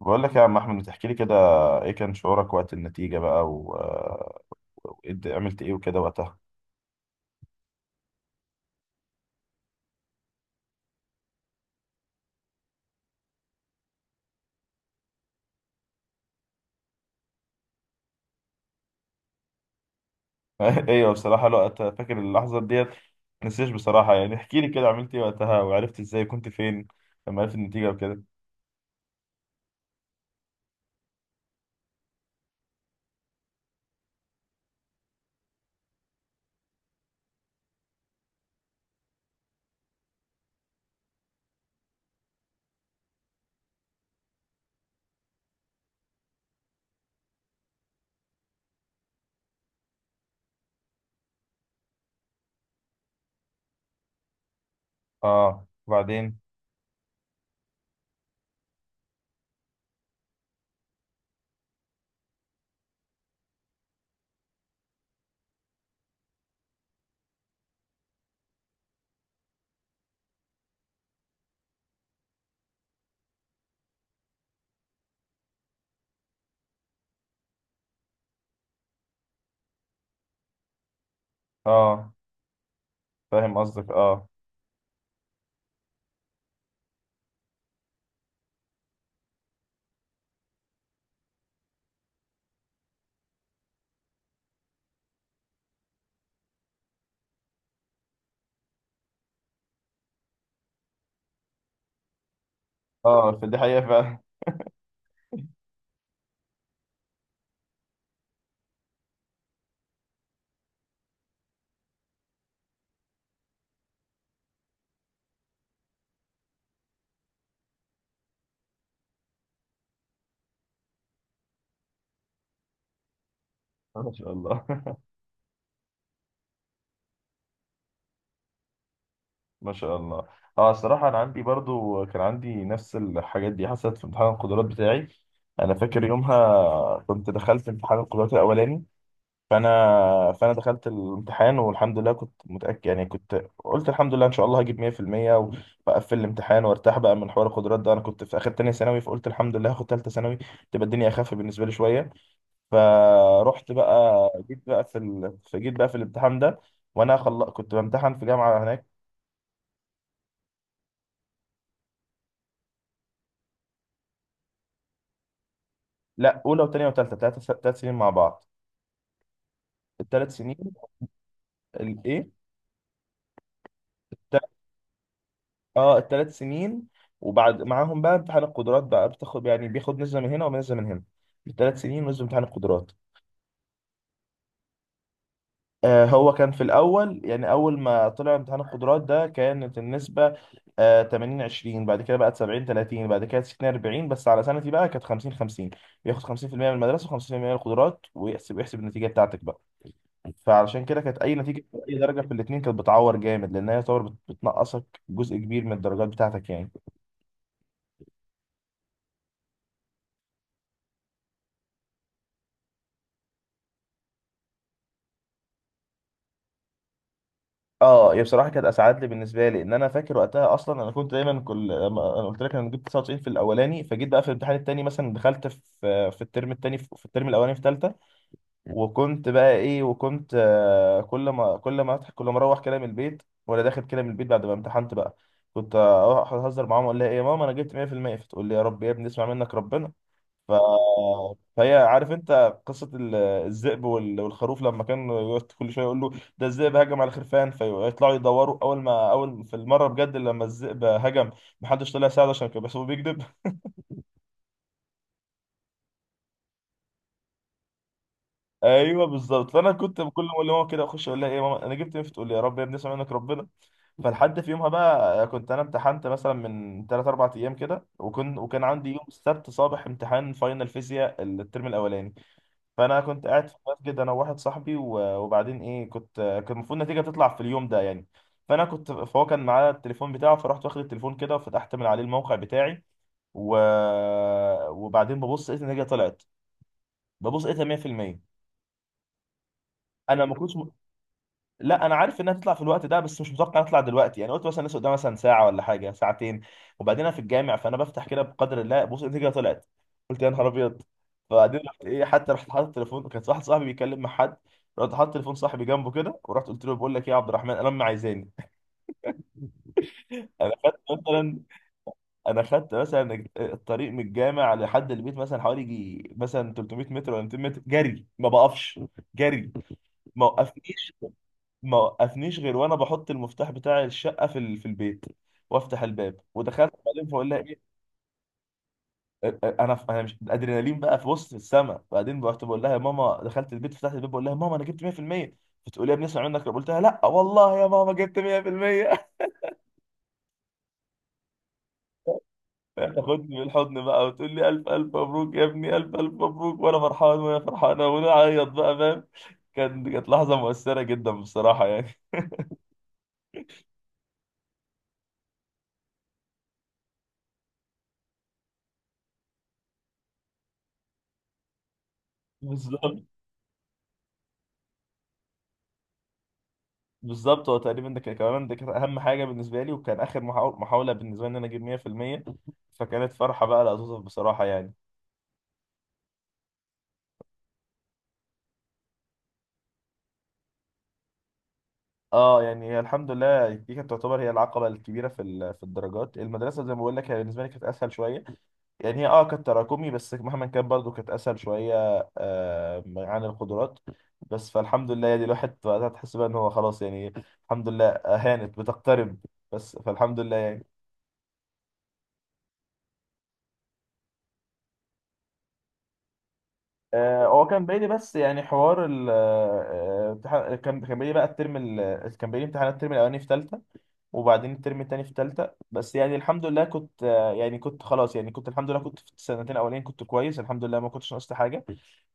بقول لك يا عم احمد، بتحكي لي كده ايه كان شعورك وقت النتيجة بقى عملت ايه وكده وقتها؟ ايوه بصراحة الوقت فاكر اللحظة ديت، نسيش بصراحة. يعني احكي لي كده عملت ايه وقتها وعرفت ازاي كنت فين لما عرفت النتيجة وكده؟ اه، وبعدين. اه، فاهم قصدك، اه. اه، فدي حقيقة فعلا. ما شاء الله. ما شاء الله. اه، الصراحة انا عندي برضو كان عندي نفس الحاجات دي حصلت في امتحان القدرات بتاعي. انا فاكر يومها كنت دخلت امتحان القدرات الاولاني، فانا فانا دخلت الامتحان والحمد لله كنت متاكد. يعني كنت قلت الحمد لله ان شاء الله هجيب 100%، واقفل الامتحان وارتاح بقى من حوار القدرات ده. انا كنت في اخر تانية ثانوي، فقلت الحمد لله هاخد تالتة ثانوي تبقى الدنيا اخف بالنسبه لي شويه. فروحت بقى، جيت بقى في ال... فجيت بقى في الامتحان ده. كنت بامتحن في جامعه هناك. لا، اولى وثانيه وثالثه، ثلاث ثلاث سنين مع بعض، الثلاث سنين. الايه؟ اه، الثلاث سنين. وبعد معاهم بقى امتحان القدرات بقى، بتاخد يعني بياخد نسبة من هنا ونسبة من هنا، الثلاث سنين ونسبة امتحان القدرات. آه، هو كان في الأول، يعني أول ما طلع امتحان القدرات ده كانت النسبة 80 20، بعد كده بقت 70 30، بعد كده 60 40، بس على سنتي بقى كانت 50 50. بياخد 50% من المدرسة و50% من القدرات، ويحسب النتيجة بتاعتك بقى. فعلشان كده كانت أي نتيجة أي درجة في الاتنين كانت بتعور جامد، لأنها يعتبر بتنقصك جزء كبير من الدرجات بتاعتك يعني. اه، هي بصراحه كانت اسعد لي بالنسبه لي، ان انا فاكر وقتها اصلا. انا كنت دايما انا قلت لك انا جبت 99 في الاولاني، فجيت بقى في الامتحان التاني مثلا دخلت في الترم التاني في الترم الاولاني في ثالثه. وكنت بقى ايه، وكنت، كل ما اروح كده من البيت ولا داخل كده من البيت بعد ما امتحنت بقى، كنت اروح اهزر معاهم اقول لها ايه يا ماما انا جبت 100%، فتقول لي يا رب يا ابني اسمع منك ربنا. ف... فهي، عارف انت قصه الذئب والخروف، لما كان يقعد كل شويه يقول له ده الذئب هجم على الخرفان فيطلعوا يدوروا. اول ما اول في المره بجد لما الذئب هجم محدش طلع يساعده عشان كان بيحسبه بيكذب. ايوه بالظبط. فانا كنت بكل ما اقول لماما كده اخش اقول لها ايه يا ماما انا جبت ايه، فتقول لي يا رب يا ابني اسمع منك ربنا. فلحد في يومها بقى، كنت انا امتحنت مثلا من 3 4 ايام كده، وكان عندي يوم السبت صباح امتحان فاينل فيزياء الترم الاولاني. فانا كنت قاعد في المسجد انا وواحد صاحبي، وبعدين ايه، كان المفروض النتيجه تطلع في اليوم ده يعني. فانا كنت فهو كان معاه التليفون بتاعه، فرحت واخد التليفون كده وفتحت من عليه الموقع بتاعي، و... وبعدين ببص لقيت النتيجه طلعت، ببص لقيتها 100%. انا ما كنتش، لا انا عارف انها تطلع في الوقت ده، بس مش متوقع نطلع دلوقتي يعني. قلت مثلا لسه قدامها مثلا ساعه ولا حاجه، ساعتين. وبعدين انا في الجامع، فانا بفتح كده بقدر الله، بص النتيجه طلعت. قلت يا نهار ابيض. فبعدين رحت ايه حتى رحت حاطط التليفون، وكان واحد صاحبي بيتكلم مع حد، رحت حاطط تليفون صاحبي جنبه كده ورحت قلت له بقول لك ايه يا عبد الرحمن، انا امي عايزاني. انا خدت مثلا انا خدت مثلا الطريق من الجامع لحد البيت مثلا حوالي يجي مثلا 300 متر ولا 200 متر جري، ما بقفش جري، ما وقفنيش ما وقفنيش غير وانا بحط المفتاح بتاع الشقه في البيت، وافتح الباب ودخلت بعدين فاقول لها ايه. انا انا مش، الادرينالين بقى في وسط السما. بعدين رحت بقول لها يا ماما، دخلت البيت فتحت الباب بقول لها ماما انا جبت 100%، فتقول لي يا ابني اسمع منك. قلت لها لا والله يا ماما جبت 100%. فتاخدني بالحضن بقى وتقول لي الف الف مبروك يا ابني، الف الف مبروك. وانا فرحان وهي فرحانه ونعيط بقى، فاهم. كانت لحظه مؤثره جدا بصراحه يعني. بالظبط. بالظبط، هو تقريبا ده كان كمان، ده كانت اهم حاجه بالنسبه لي، وكان اخر محاوله بالنسبه لي ان انا اجيب 100%. فكانت فرحه بقى لا توصف بصراحه يعني. اه، يعني هي الحمد لله دي كانت تعتبر هي العقبه الكبيره في الدرجات. المدرسه زي ما بقول لك هي بالنسبه لي كانت اسهل شويه، يعني هي اه كانت تراكمي بس مهما كان برضو كانت اسهل شويه عن القدرات. بس فالحمد لله يعني الواحد وقتها تحس بقى ان هو خلاص يعني، الحمد لله هانت بتقترب. بس فالحمد لله يعني. هو كان باين لي، بس يعني حوار كان باين لي بقى، كان باين لي امتحانات الترم الاولاني في ثالثه وبعدين الترم الثاني في ثالثه. بس يعني الحمد لله كنت، يعني كنت خلاص، يعني كنت الحمد لله كنت في السنتين الاولين كنت كويس الحمد لله، ما كنتش ناقصت حاجه.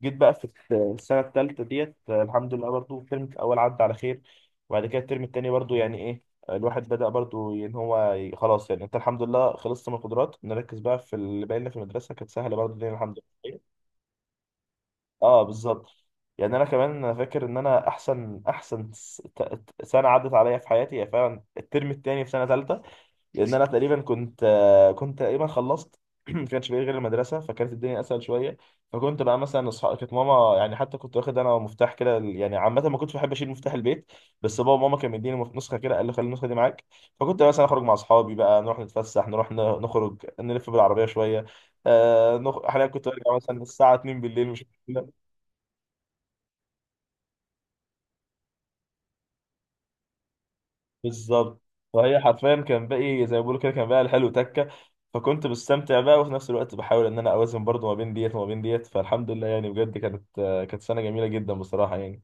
جيت بقى في السنه الثالثه ديت، الحمد لله برضو الترم الاول عدى على خير. وبعد كده الترم الثاني برضو يعني ايه، الواحد بدأ برضو ان هو خلاص يعني انت الحمد لله خلصت من القدرات، نركز بقى في اللي باقي لنا في المدرسه. كانت سهله برضو الدنيا الحمد لله. اه بالظبط. يعني انا كمان، أنا فاكر ان انا احسن احسن سنه عدت عليا في حياتي هي فعلا الترم الثاني في سنه ثالثه. لان انا تقريبا كنت، كنت تقريبا خلصت. ما كانش بقى غير المدرسه، فكانت الدنيا اسهل شويه. فكنت بقى مثلا اصحاب، كانت ماما يعني حتى كنت واخد انا مفتاح كده يعني، عامه ما كنتش بحب اشيل مفتاح البيت، بس بابا وماما كانوا مديني نسخه كده، قال لي خلي النسخه دي معاك. فكنت مثلا اخرج مع اصحابي بقى نروح نتفسح، نروح نخرج نلف بالعربيه شويه. حاليا كنت برجع مثلا الساعه 2 بالليل مش بالظبط. فهي حرفيا كان باقي زي ما بقول كده، كان باقي الحلو تكه. فكنت بستمتع بقى وفي نفس الوقت بحاول ان انا اوازن برضو ما بين ديت وما بين ديت. فالحمد لله يعني بجد كانت سنه جميله جدا بصراحه يعني.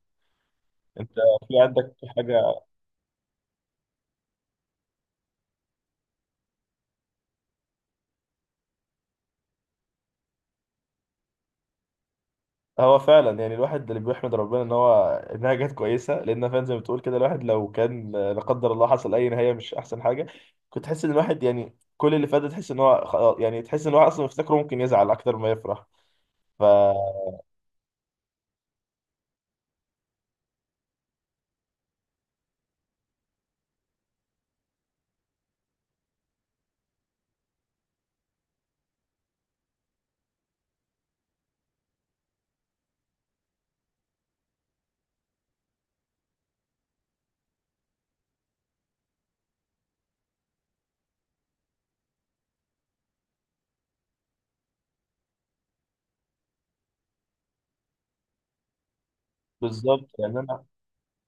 انت في عندك حاجه؟ هو فعلا يعني الواحد اللي بيحمد ربنا ان هو انها جت كويسه، لان فعلا زي ما بتقول كده الواحد لو كان لا قدر الله حصل اي نهايه مش احسن حاجه، كنت تحس ان الواحد يعني كل اللي فات ده تحس ان هو خلاص يعني، تحس ان هو اصلا مفتكره ممكن يزعل اكتر ما يفرح. ف بالظبط.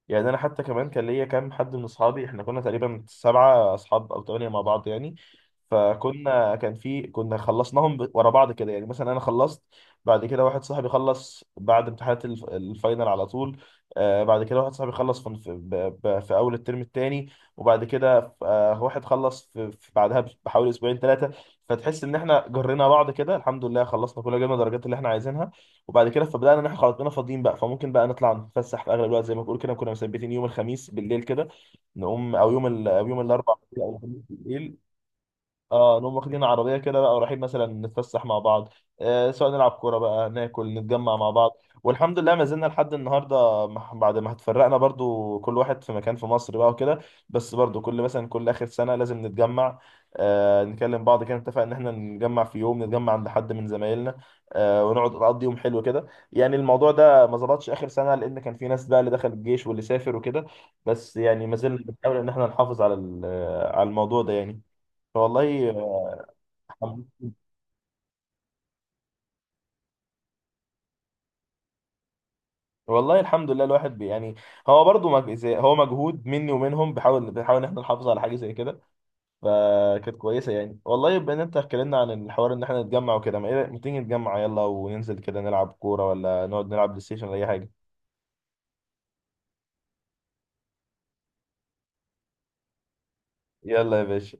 يعني انا حتى كمان كان ليا كام حد من اصحابي، احنا كنا تقريبا سبعه اصحاب او ثمانيه مع بعض يعني. فكنا كان في كنا خلصناهم ورا بعض كده، يعني مثلا انا خلصت، بعد كده واحد صاحبي خلص بعد امتحانات الفاينل على طول. آه بعد كده واحد صاحبي خلص في اول الترم الثاني. وبعد كده واحد خلص في بعدها بحوالي اسبوعين ثلاثه. فتحس ان احنا جرينا بعض كده، الحمد لله خلصنا كلنا جبنا درجات اللي احنا عايزينها. وبعد كده فبدأنا ان احنا خلاص بقينا فاضيين بقى، فممكن بقى نطلع نتفسح. في اغلب الوقت زي ما بقول كده كنا مثبتين يوم الخميس بالليل كده، نقوم او يوم الاربع بالليل او الخميس بالليل. اه نقوم واخدين عربيه كده بقى ورايحين مثلا نتفسح مع بعض، آه سواء نلعب كوره بقى، ناكل نتجمع مع بعض. والحمد لله ما زلنا لحد النهارده، بعد ما اتفرقنا برضو كل واحد في مكان في مصر بقى وكده. بس برضو كل مثلا كل اخر سنه لازم نتجمع، آه نكلم بعض كده نتفق ان احنا نتجمع في يوم، نتجمع عند حد من زمايلنا، آه ونقعد نقضي يوم حلو كده. يعني الموضوع ده ما ظبطش اخر سنه لان كان في ناس بقى اللي دخل الجيش واللي سافر وكده، بس يعني ما زلنا بنحاول ان احنا نحافظ على على الموضوع ده يعني. والله الحمد- والله الحمد لله الواحد بي يعني، هو برضو هو مجهود مني ومنهم، بنحاول ان احنا نحافظ على حاجه زي كده. فكانت كويسه يعني والله. بما ان انت اتكلمنا عن الحوار ان احنا نتجمع وكده، ما ايه رأيك- ما تيجي نتجمع يلا وننزل كده نلعب كوره، ولا نقعد نلعب بلاي ستيشن، ولا اي حاجه؟ يلا يا باشا.